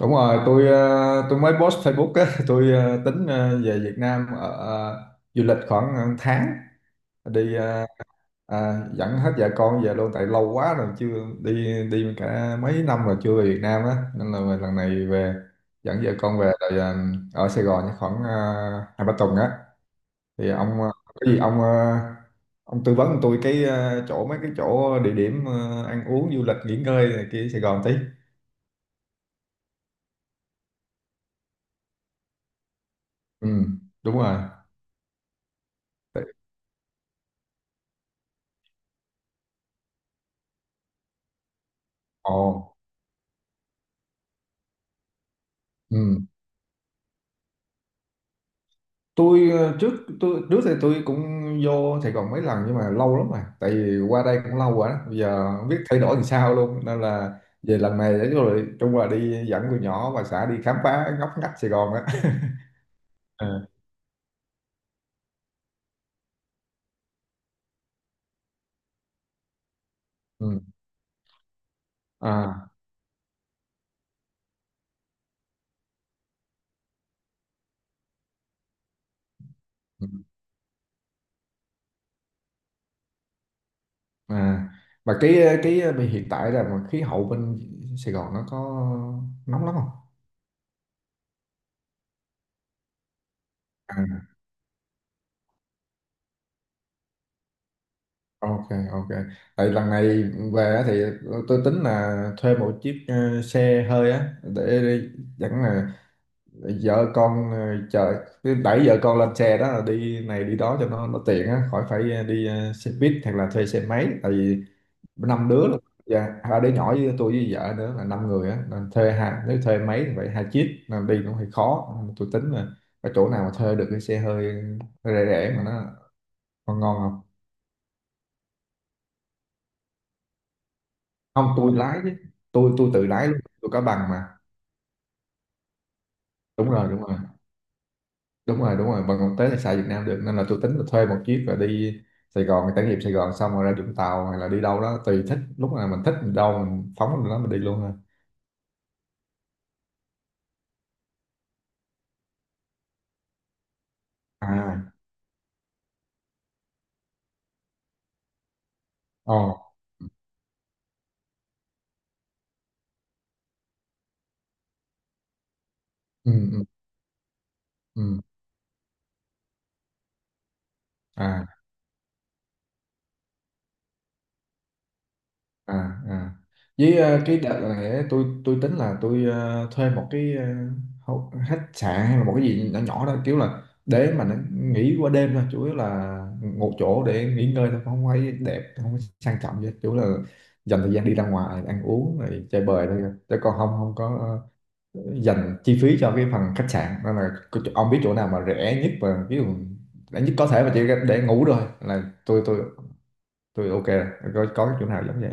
Đúng rồi, tôi mới post Facebook á, tính về Việt Nam ở, du lịch khoảng tháng, đi ờ, à, dẫn hết vợ con về luôn tại lâu quá rồi chưa đi đi cả mấy năm rồi chưa về Việt Nam á, nên là về lần này về dẫn vợ con về rồi, ở Sài Gòn khoảng 2 3 tuần á, thì có gì ông tư vấn tôi cái, chỗ mấy cái chỗ địa điểm ăn uống du lịch nghỉ ngơi này kia Sài Gòn tí. Ừ, đúng rồi. Ồ. Ừ. tôi ờ, trước tôi trước thì tôi cũng vô Sài Gòn mấy lần nhưng mà lâu lắm rồi, tại vì qua đây cũng lâu rồi đó, bây giờ không biết thay đổi làm sao luôn, nên là về lần này để rồi chung là đi dẫn tụi nhỏ và xã đi khám phá ngóc ngách Sài Gòn á. À. Ừ. À. Ừ. À. Mà cái bên hiện tại là mà khí hậu bên Sài Gòn nó có nóng lắm không? À, ok, ok. Tại lần này về á thì tôi tính là thuê một chiếc xe hơi á để đi dẫn vợ con, chờ cứ đẩy vợ con lên xe đó là đi này đi đó cho nó tiện á, khỏi phải đi xe buýt hoặc là thuê xe máy, tại vì năm đứa là dạ, 2 đứa nhỏ với tôi với vợ nữa là 5 người á, nên thuê hai, nếu thuê máy thì phải 2 chiếc nên đi cũng hơi khó. Nên tôi tính là cái chỗ nào mà thuê được cái xe hơi hơi rẻ rẻ mà nó còn ngon không? Không, tôi lái chứ, tôi tự lái luôn, tôi có bằng mà. Đúng rồi, đúng rồi. Đúng rồi, đúng rồi. Bằng còn tới thì xài Việt Nam được, nên là tôi tính là thuê một chiếc rồi đi Sài Gòn, trải nghiệm Sài Gòn xong rồi ra Vũng Tàu hay là đi đâu đó tùy thích, lúc nào mình thích mình đâu mình phóng lên đó mình đi luôn ha. À. Ồ. Ừ. Ừ. Ừ. À. À. À. Với cái đợt này ấy, tôi tính là tôi thuê một cái khách sạn hay là một cái gì nhỏ nhỏ đó, kiểu là để mà nó nghỉ qua đêm thôi, chủ yếu là một chỗ để nghỉ ngơi thôi, không phải đẹp không phải sang trọng gì hết. Chủ yếu là dành thời gian đi ra ngoài ăn uống rồi chơi bời thôi, chứ còn không không có dành chi phí cho cái phần khách sạn, nên là ông biết chỗ nào mà rẻ nhất và ví dụ rẻ nhất có thể mà chỉ để ngủ thôi là tôi ok rồi. Có cái chỗ nào giống vậy?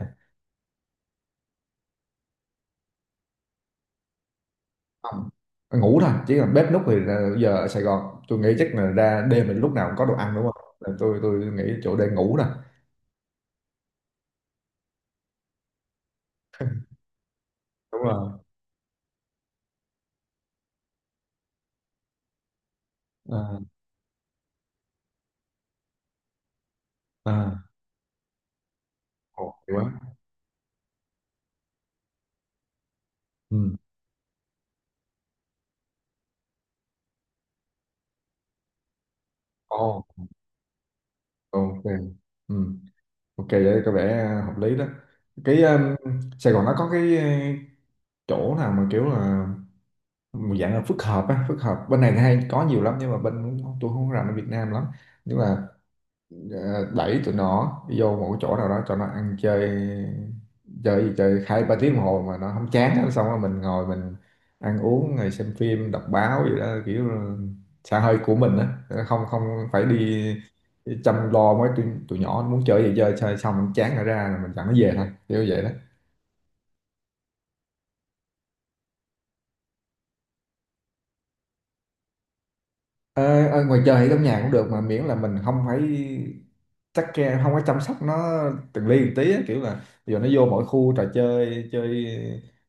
Không, ngủ thôi, chỉ là bếp núc thì là giờ ở Sài Gòn tôi nghĩ chắc là ra đêm thì lúc nào cũng có đồ ăn đúng không. Nên tôi nghĩ chỗ để ngủ thôi. Đúng rồi. À, à. Ồ, hay quá. Ừ. Ồ, ok. Ừ. Ok, vậy có vẻ à, hợp lý đó. Cái Sài Gòn nó có cái uh, chỗ nào mà kiểu là một dạng là phức hợp á. Phức hợp bên này thì hay có nhiều lắm nhưng mà bên tôi không có rành ở Việt Nam lắm, nhưng mà đẩy tụi nó đi vô một cái chỗ nào đó cho nó ăn chơi, chơi gì chơi 2 3 tiếng đồng hồ mà nó không chán á. Xong rồi mình ngồi mình ăn uống rồi xem phim đọc báo gì đó, kiểu xã hội của mình á. Ờ, không không phải đi chăm lo mấy tụi nhỏ nó muốn chơi gì chơi, chơi xong chán rồi ra rồi mình dẫn nó về thôi, kiểu vậy đó. Ờ, ở ngoài trời hay trong nhà cũng được, mà miễn là mình không phải chắc ke, không phải chăm sóc nó từng ly từng tí á, kiểu là giờ nó vô mỗi khu trò chơi chơi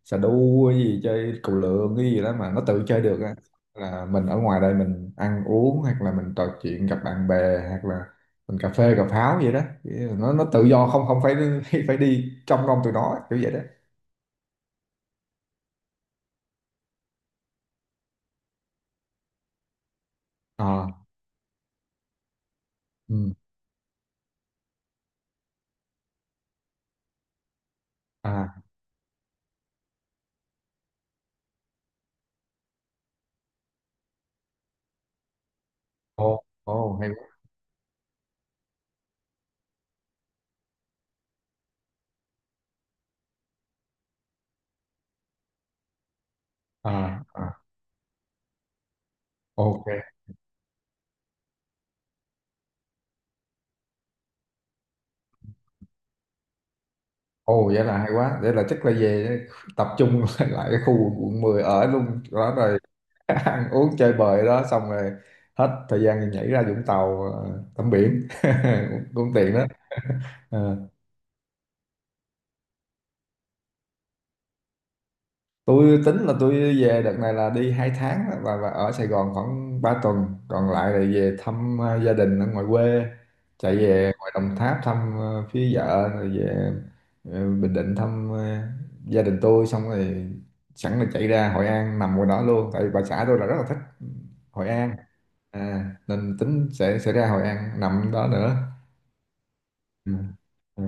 xà đu cái gì, chơi cầu lượn cái gì đó mà nó tự chơi được á, là mình ở ngoài đây mình ăn uống, hoặc là mình trò chuyện gặp bạn bè, hoặc là mình cà phê cà pháo vậy đó. Kiểu là nó tự do, không không phải phải đi trong nom tụi nó, kiểu vậy đó. À. Ừ. À. Ô. Ô, hay quá. À. À. Ok. Ồ, vậy là hay quá. Vậy là chắc là về tập trung lại cái khu quận 10 ở luôn đó rồi ăn uống chơi bời đó, xong rồi hết thời gian thì nhảy ra Vũng Tàu tắm biển. Cũng tiện đó. Tôi tính là tôi về đợt này là đi 2 tháng á, và ở Sài Gòn khoảng 3 tuần, còn lại là về thăm gia đình ở ngoài quê, chạy về ngoài Đồng Tháp thăm phía vợ rồi về ờ, Bình Định thăm gia đình tôi xong rồi sẵn là chạy ra Hội An nằm ngoài đó luôn, tại vì bà xã tôi là rất là thích Hội An. À, nên tính sẽ ra Hội An nằm đó nữa. Ừ. Ừ.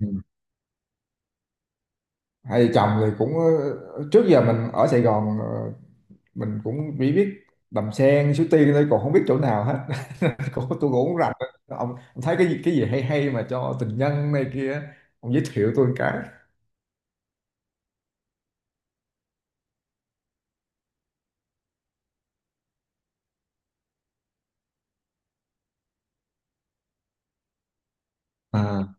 Ừ. Hay chồng thì cũng trước giờ mình ở Sài Gòn, mình cũng chỉ biết Đầm Sen, Suối Tiên thôi, còn không biết chỗ nào hết. Cũng tôi cũng không rành. Ông, ông thấy cái gì hay hay mà cho tình nhân này kia ông giới thiệu tôi một cái. À.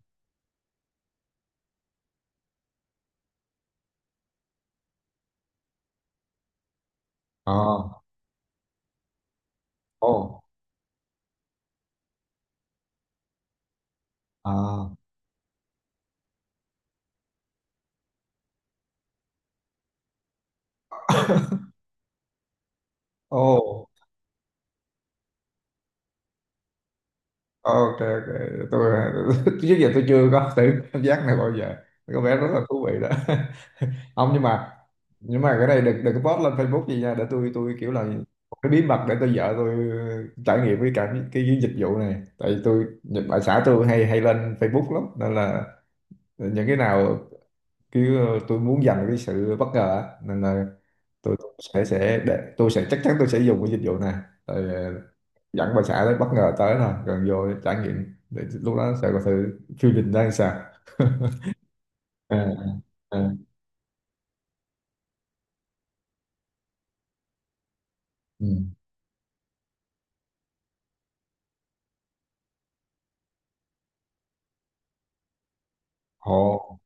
Ờ. Ồ. À. Ồ, ok, ok. Tôi trước giờ tôi chưa có thử cảm giác này bao giờ, có vẻ rất là thú vị đó. Không, nhưng mà cái này đừng đừng có post lên Facebook gì nha, để tôi kiểu là một cái bí mật để tôi vợ tôi trải nghiệm với cả cái dịch vụ này, tại vì tôi ở xã tôi hay hay lên Facebook lắm, nên là những cái nào kiểu tôi muốn dành cái sự bất ngờ á, nên là tôi sẽ để tôi sẽ chắc chắn tôi sẽ dùng cái dịch vụ này rồi dẫn bà xã tới bất ngờ tới là gần vô trải nghiệm để lúc đó sẽ có thử feeling ra làm sao. À, à. Ừ. Ồ.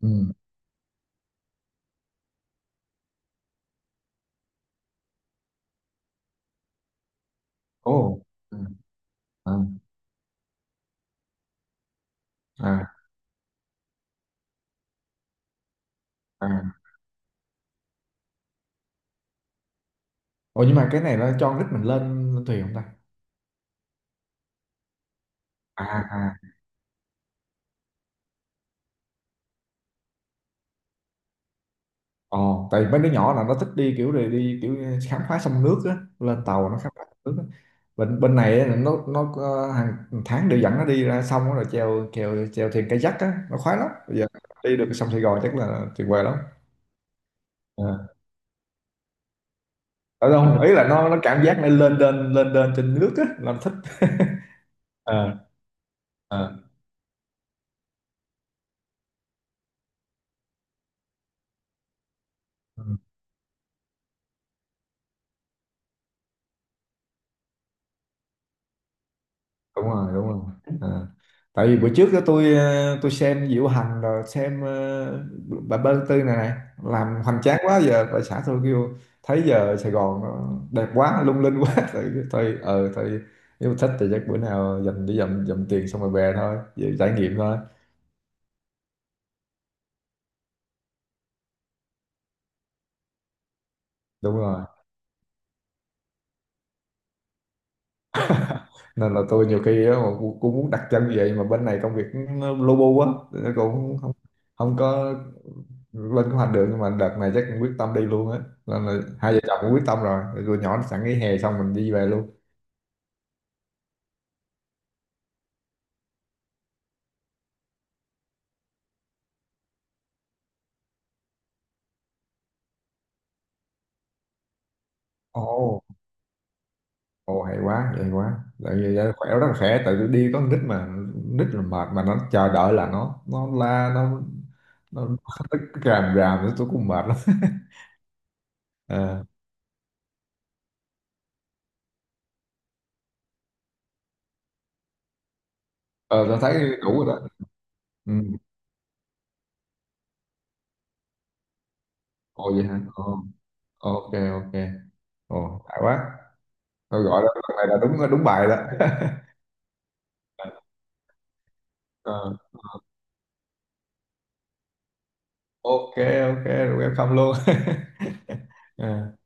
Ừ. Ồ. Ừ. À, à, à. Ủa nhưng mà cái này nó cho con nít mình lên, thuyền không ta? À, à. Ồ, tại vì mấy đứa nhỏ là nó thích đi kiểu này đi kiểu khám phá sông nước á, lên tàu nó khám phá sông nước á. Bên bên này á, nó hàng tháng đều dẫn nó đi ra sông á, rồi chèo chèo chèo thuyền kayak á, nó khoái lắm. Bây giờ đi được sông Sài Gòn chắc là tuyệt vời lắm. À. Ở đâu không? Ý là nó cảm giác nó lên lên lên lên trên nước á, làm thích. À, à. Đúng rồi, đúng rồi. À. Tại vì bữa trước đó tôi xem Diệu Hành rồi xem bà Bơ Tư này này làm hoành tráng quá, giờ bà xã tôi kêu thấy giờ Sài Gòn nó đẹp quá lung linh quá. thôi thôi ờ thôi, nếu mà thích thì chắc bữa nào dành đi dầm dầm tiền xong rồi về thôi, về trải nghiệm thôi. Đúng rồi, nên là tôi nhiều khi á, mà cũng cũng muốn đặt chân như vậy mà bên này công việc nó lu bu quá thì nó cũng không không có lên kế hoạch được, nhưng mà đợt này chắc cũng quyết tâm đi luôn á, nên là hai vợ chồng cũng quyết tâm rồi. Rồi tụi nhỏ sẵn nghỉ hè xong mình đi về luôn. Ồ. Ồ, hay quá, hay quá. Tại vì vậy khỏe, rất là khỏe, tại vì đi có con nít mà. Nít là mệt mà, nó chờ đợi là nó la nó, nó ràm ràm nữa, tôi cũng mệt lắm. À, ờ tôi thấy đủ rồi đó. Ừ. Ồ vậy hả. Ồ, ok, ok. Ồ, hay quá. Tôi gọi đó, lần này là đúng đúng bài đó. Ờ, ok, ok, rồi welcome luôn. Ờ,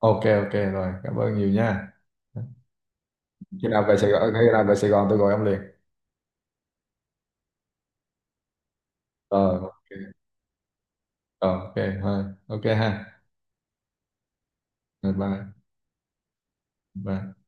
ok, ok rồi, cảm ơn nhiều nha. Khi nào về Sài Gòn, khi nào về Sài Gòn tôi gọi ông liền. Ờ, ok. Ờ, ok, thôi, ok ha. Rồi. Bye, bye.